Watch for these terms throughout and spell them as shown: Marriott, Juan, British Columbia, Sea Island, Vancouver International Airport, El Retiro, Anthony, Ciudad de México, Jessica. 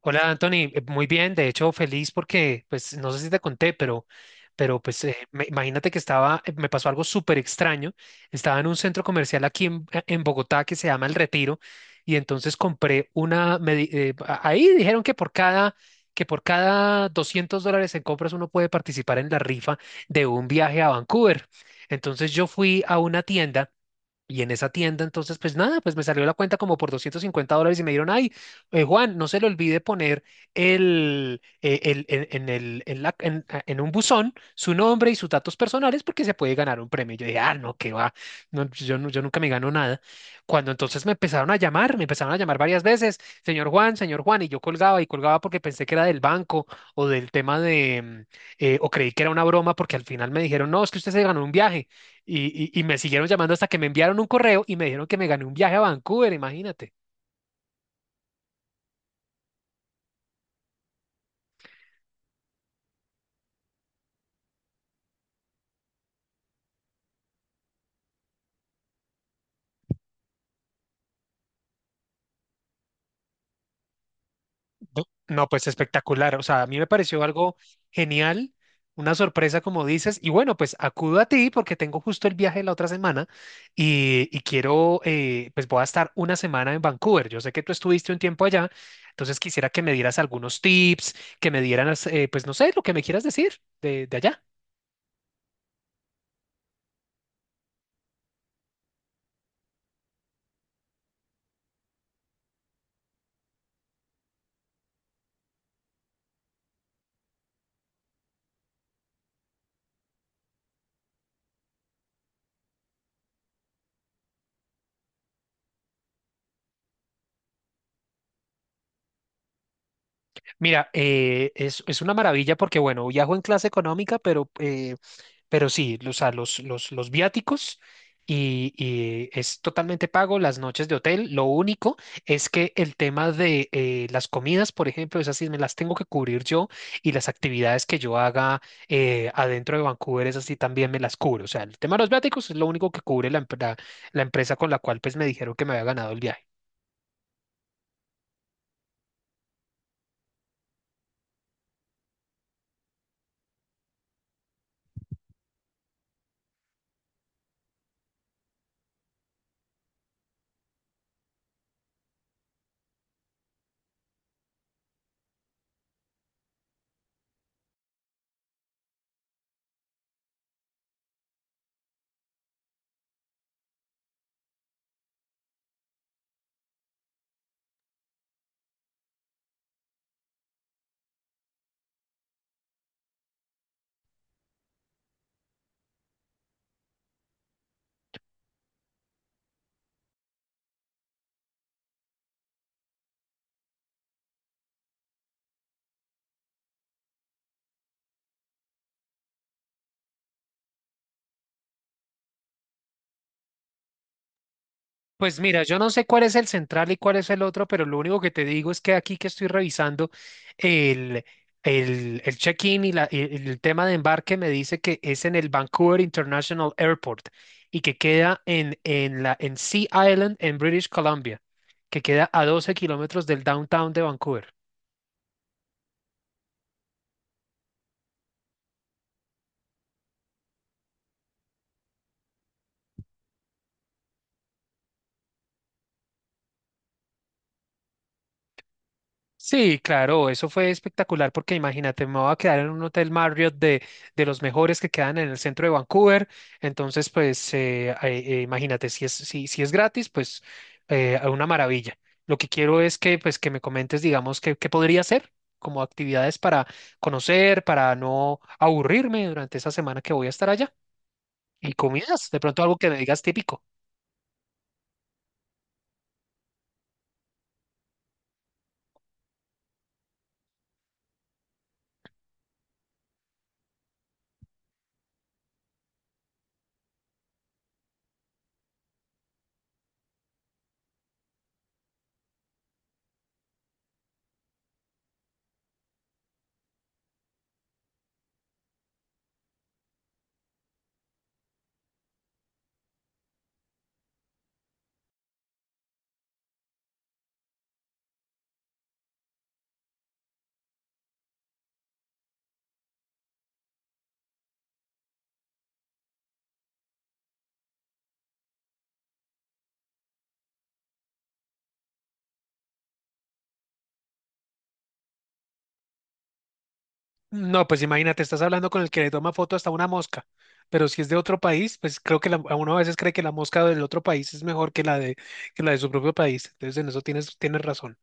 Hola Anthony, muy bien, de hecho feliz porque, pues no sé si te conté, pero imagínate que estaba, me pasó algo súper extraño, estaba en un centro comercial aquí en Bogotá que se llama El Retiro y entonces compré una, ahí dijeron que que por cada $200 en compras uno puede participar en la rifa de un viaje a Vancouver. Entonces yo fui a una tienda. Y en esa tienda, entonces, pues nada, pues me salió la cuenta como por $250 y me dieron, ay, Juan, no se le olvide poner el- en el, en, la- en- a- en un buzón su nombre y sus datos personales porque se puede ganar un premio. Y yo dije, ah, no, qué va, no, pues yo nunca me gano nada. Cuando entonces me empezaron a llamar, me empezaron a llamar varias veces, señor Juan, y yo colgaba y colgaba porque pensé que era del banco o del tema de, o creí que era una broma porque al final me dijeron, no, es que usted se ganó un viaje. Y me siguieron llamando hasta que me enviaron un correo y me dijeron que me gané un viaje a Vancouver, imagínate. No, pues espectacular. O sea, a mí me pareció algo genial, una sorpresa como dices. Y bueno, pues acudo a ti porque tengo justo el viaje la otra semana y quiero, pues voy a estar una semana en Vancouver. Yo sé que tú estuviste un tiempo allá, entonces quisiera que me dieras algunos tips, que me dieras, pues no sé, lo que me quieras decir de allá. Mira, es una maravilla porque, bueno, viajo en clase económica, pero sí, o sea, los viáticos y es totalmente pago las noches de hotel. Lo único es que el tema de las comidas, por ejemplo, esas sí me las tengo que cubrir yo y las actividades que yo haga adentro de Vancouver, esas sí también me las cubro. O sea, el tema de los viáticos es lo único que cubre la empresa con la cual pues me dijeron que me había ganado el viaje. Pues mira, yo no sé cuál es el central y cuál es el otro, pero lo único que te digo es que aquí que estoy revisando el, el check-in y el tema de embarque me dice que es en el Vancouver International Airport y que queda en Sea Island en British Columbia, que queda a 12 kilómetros del downtown de Vancouver. Sí, claro, eso fue espectacular porque imagínate, me voy a quedar en un hotel Marriott de los mejores que quedan en el centro de Vancouver. Entonces, pues imagínate, si es gratis, pues una maravilla. Lo que quiero es que, pues, que me comentes, digamos, qué, qué podría hacer como actividades para conocer, para no aburrirme durante esa semana que voy a estar allá. Y comidas, de pronto algo que me digas típico. No, pues imagínate, estás hablando con el que le toma foto hasta una mosca, pero si es de otro país, pues creo que a uno a veces cree que la mosca del otro país es mejor que la de su propio país, entonces en eso tienes, tienes razón.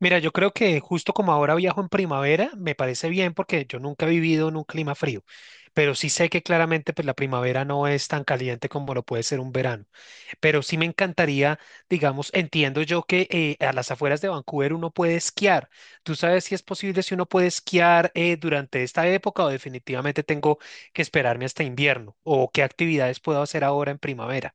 Mira, yo creo que justo como ahora viajo en primavera, me parece bien porque yo nunca he vivido en un clima frío, pero sí sé que claramente pues la primavera no es tan caliente como lo puede ser un verano. Pero sí me encantaría, digamos, entiendo yo que a las afueras de Vancouver uno puede esquiar. ¿Tú sabes si es posible, si uno puede esquiar durante esta época o definitivamente tengo que esperarme hasta invierno? ¿O qué actividades puedo hacer ahora en primavera?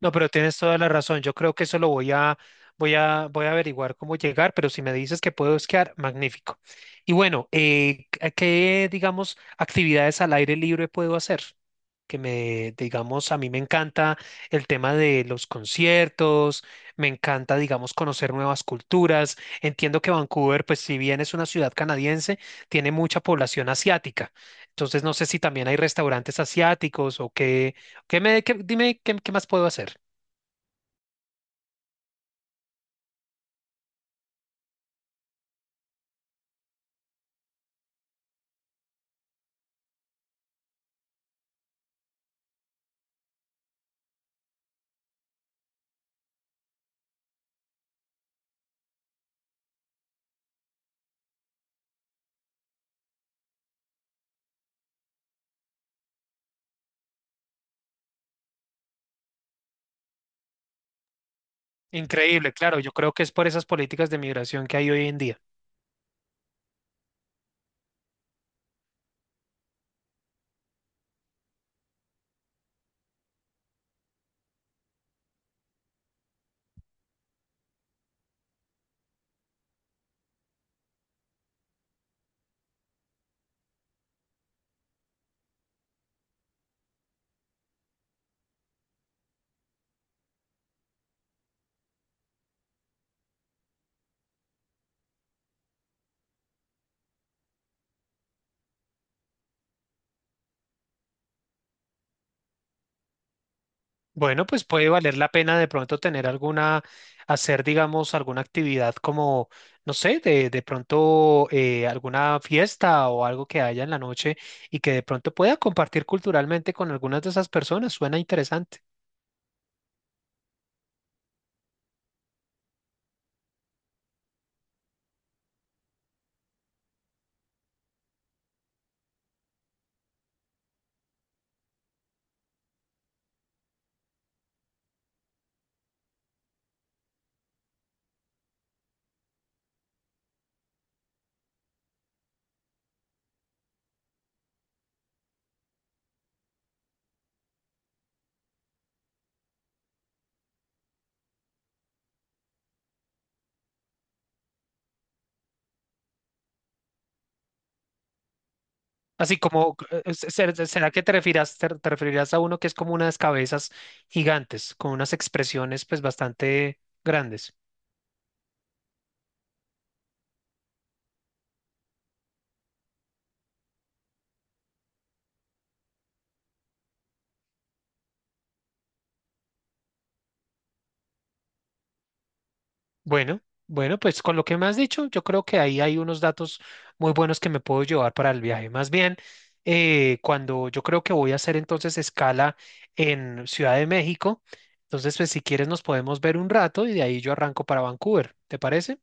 No, pero tienes toda la razón. Yo creo que eso lo voy a averiguar cómo llegar, pero si me dices que puedo esquiar, magnífico. Y bueno, ¿a ¿qué, digamos, actividades al aire libre puedo hacer? Que me, digamos, a mí me encanta el tema de los conciertos, me encanta, digamos, conocer nuevas culturas. Entiendo que Vancouver, pues si bien es una ciudad canadiense, tiene mucha población asiática. Entonces, no sé si también hay restaurantes asiáticos o qué, dime qué qué más puedo hacer. Increíble, claro, yo creo que es por esas políticas de migración que hay hoy en día. Bueno, pues puede valer la pena de pronto tener alguna, hacer, digamos, alguna actividad como, no sé, de pronto alguna fiesta o algo que haya en la noche y que de pronto pueda compartir culturalmente con algunas de esas personas. Suena interesante. Así como, ¿será que te referirás, te referirás a uno que es como unas cabezas gigantes, con unas expresiones pues bastante grandes? Bueno, bueno, pues con lo que me has dicho, yo creo que ahí hay unos datos muy buenos que me puedo llevar para el viaje. Más bien, cuando yo creo que voy a hacer entonces escala en Ciudad de México, entonces pues si quieres nos podemos ver un rato y de ahí yo arranco para Vancouver, ¿te parece?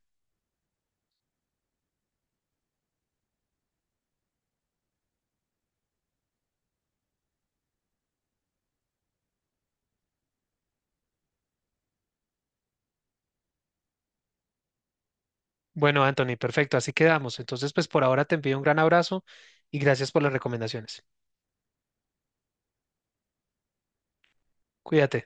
Bueno, Anthony, perfecto, así quedamos. Entonces pues por ahora te envío un gran abrazo y gracias por las recomendaciones. Cuídate.